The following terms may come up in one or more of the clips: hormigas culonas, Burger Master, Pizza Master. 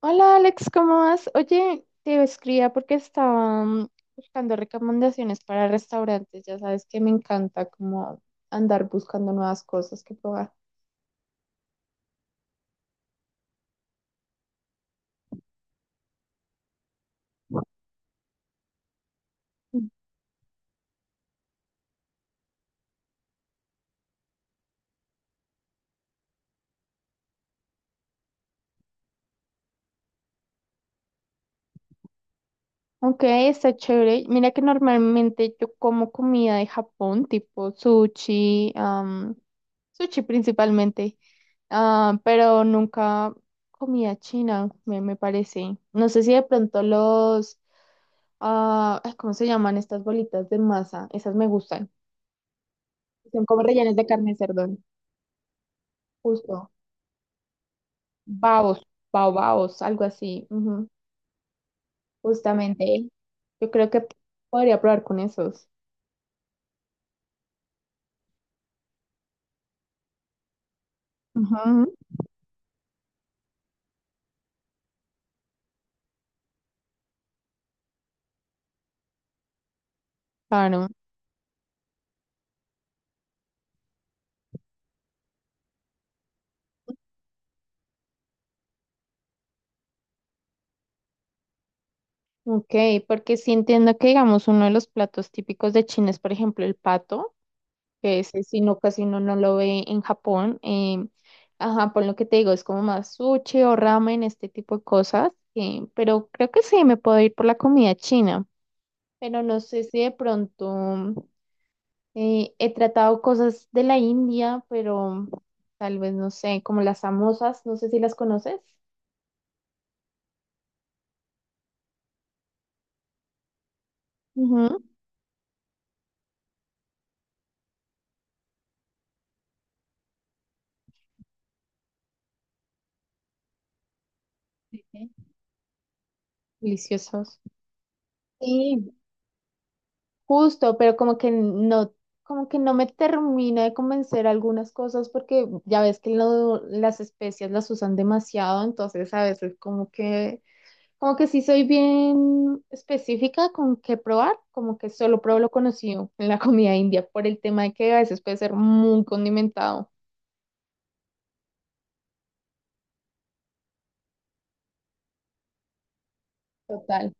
Hola Alex, ¿cómo vas? Oye, te escribía porque estaba buscando recomendaciones para restaurantes. Ya sabes que me encanta como andar buscando nuevas cosas que probar. Mm. Ok, está chévere. Mira que normalmente yo como comida de Japón, tipo sushi, sushi principalmente, pero nunca comida china, me parece. No sé si de pronto los, ¿cómo se llaman estas bolitas de masa? Esas me gustan. Son como rellenos de carne de cerdo. Justo. Babos, baobabos, algo así. Ujú. Justamente. Yo creo que podría probar con esos. Ujú. Claro. Ok, porque sí entiendo que, digamos, uno de los platos típicos de China es, por ejemplo, el pato, que ese si no casi uno no lo ve en Japón. Ajá, por lo que te digo, es como más sushi o ramen, este tipo de cosas. Pero creo que sí, me puedo ir por la comida china. Pero no sé si de pronto. He tratado cosas de la India, pero tal vez no sé, como las samosas, no sé si las conoces. Ujú. Ok. Deliciosos. Sí, justo, pero como que no me termina de convencer algunas cosas porque ya ves que las especias las usan demasiado, entonces a veces como que sí soy bien específica con qué probar, como que solo pruebo lo conocido en la comida india por el tema de que a veces puede ser muy condimentado. Total.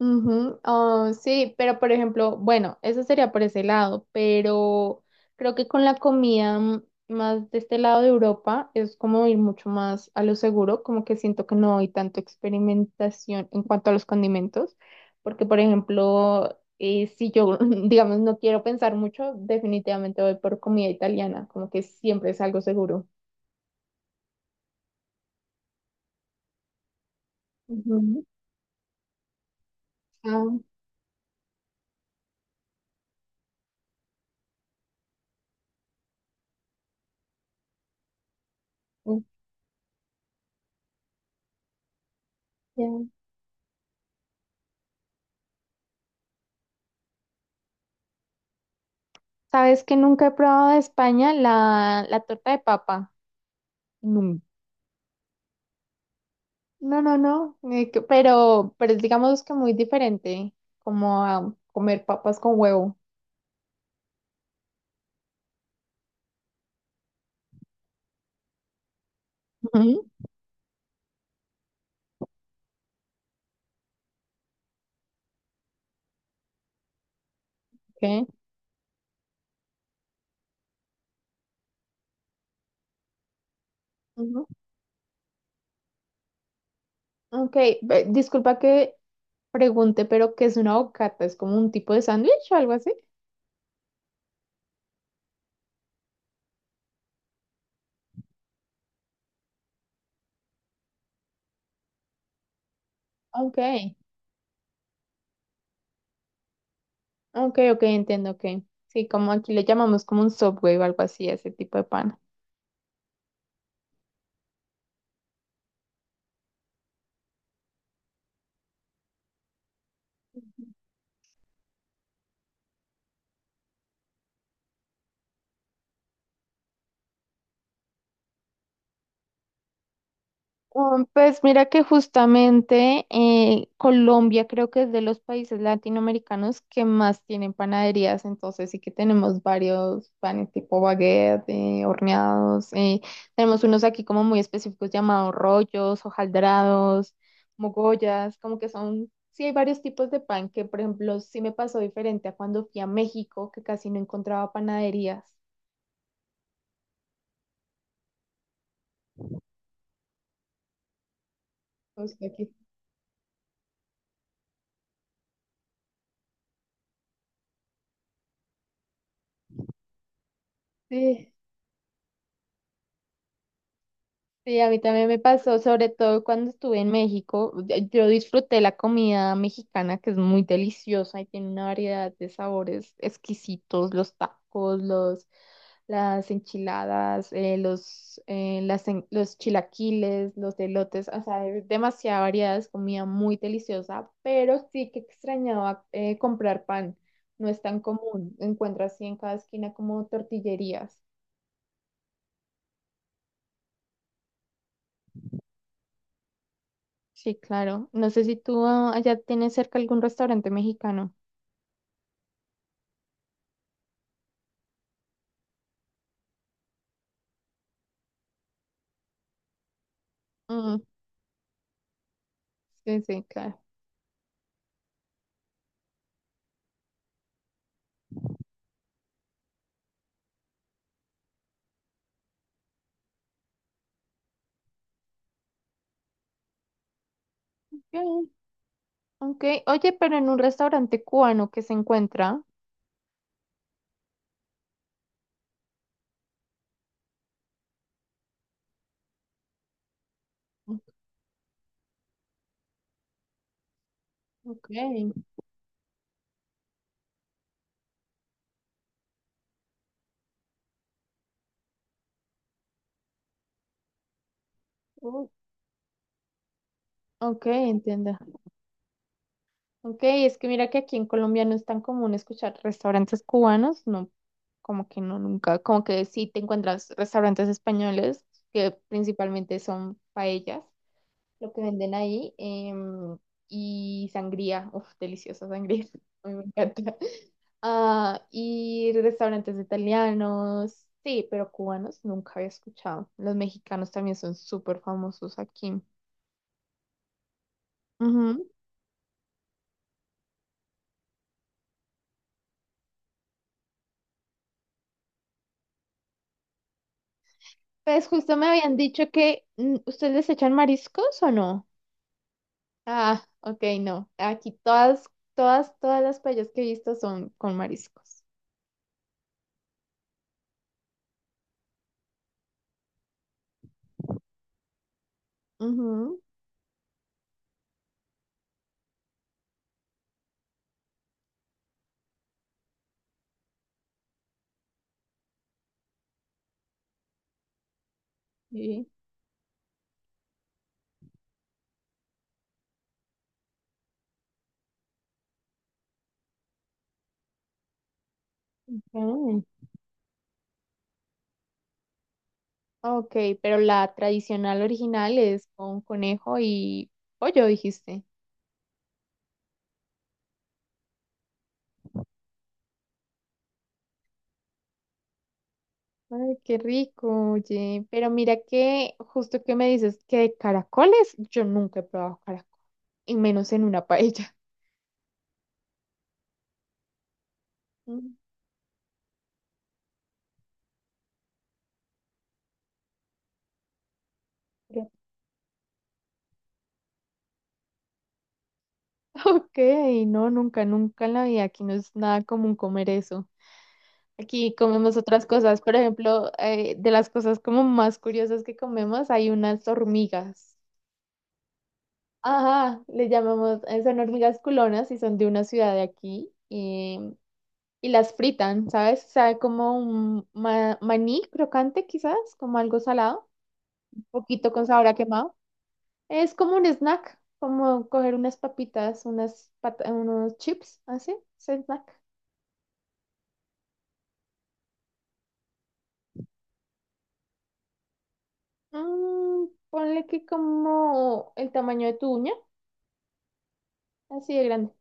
Ujú, ah, sí, pero por ejemplo, bueno, eso sería por ese lado, pero creo que con la comida más de este lado de Europa es como ir mucho más a lo seguro, como que siento que no hay tanto experimentación en cuanto a los condimentos, porque por ejemplo, si yo, digamos, no quiero pensar mucho, definitivamente voy por comida italiana, como que siempre es algo seguro. Ujú. Ah, ok. ¿Sabes que nunca he probado de España la torta de papa? No. No, no, no, pero es, digamos que muy diferente, como a comer papas con huevo. Ujú, ok. Ujú. Ok, disculpa que pregunte, pero ¿qué es una bocata? ¿Es como un tipo de sándwich o algo así? Ok. Ok, ok, entiendo, ok. Sí, como aquí le llamamos como un Subway o algo así, ese tipo de pan. Pues mira que justamente Colombia creo que es de los países latinoamericanos que más tienen panaderías, entonces sí que tenemos varios panes tipo baguette, horneados, tenemos unos aquí como muy específicos llamados rollos, hojaldrados, mogollas, como que son, sí hay varios tipos de pan que por ejemplo sí me pasó diferente a cuando fui a México que casi no encontraba panaderías. O sea que- Sí. Sí, a mí también me pasó, sobre todo cuando estuve en México. Yo disfruté la comida mexicana, que es muy deliciosa y tiene una variedad de sabores exquisitos, los tacos, las enchiladas, los chilaquiles, los elotes, o sea, hay demasiada variedad, es comida muy deliciosa, pero sí que extrañaba comprar pan, no es tan común, encuentras así en cada esquina como tortillerías. Sí, claro. No sé si tú allá tienes cerca algún restaurante mexicano. Mm, sí, sí, claro. Ok, ok. Oye, pero en un restaurante cubano que se encuentra. Ok. Uh, ok, entiendo. Ok, es que mira que aquí en Colombia no es tan común escuchar restaurantes cubanos, no, como que no, nunca, como que sí te encuentras restaurantes españoles que principalmente son paellas. Lo que venden ahí. Y sangría, uff, deliciosa sangría, a mí me encanta. Ah, y restaurantes italianos, sí, pero cubanos nunca había escuchado. Los mexicanos también son súper famosos aquí. Ujú. Pues justo me habían dicho que ustedes les echan mariscos o no. Ah, ok, no. Aquí todas, todas, todas las playas que he visto son con mariscos. Ujú, sí. Ok. Ok, pero la tradicional original es con conejo y pollo, dijiste. Ay, qué rico, oye. Pero mira que justo que me dices que de caracoles, yo nunca he probado caracol, y menos en una paella. Mm, pero- Ok, no, nunca, nunca en la vida. Aquí no es nada común comer eso. Aquí comemos otras cosas. Por ejemplo, de las cosas como más curiosas que comemos, hay unas hormigas. Ajá, le llamamos, son hormigas culonas y son de una ciudad de aquí y, las fritan, ¿sabes? Sabe como un maní crocante quizás, como algo salado, un poquito con sabor a quemado. Es como un snack, como coger unas papitas, unos chips, así, es snack. Mm, ponle que como el tamaño de tu uña, así de grande.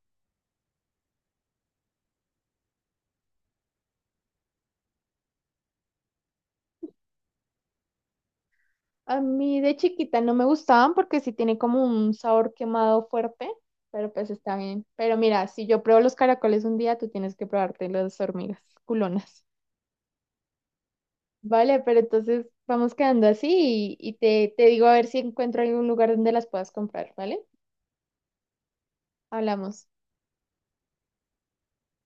A mí de chiquita no me gustaban porque sí tiene como un sabor quemado fuerte, pero pues está bien. Pero mira, si yo pruebo los caracoles un día, tú tienes que probarte las hormigas culonas. Vale, pero entonces vamos quedando así y te digo a ver si encuentro algún lugar donde las puedas comprar, ¿vale? Hablamos.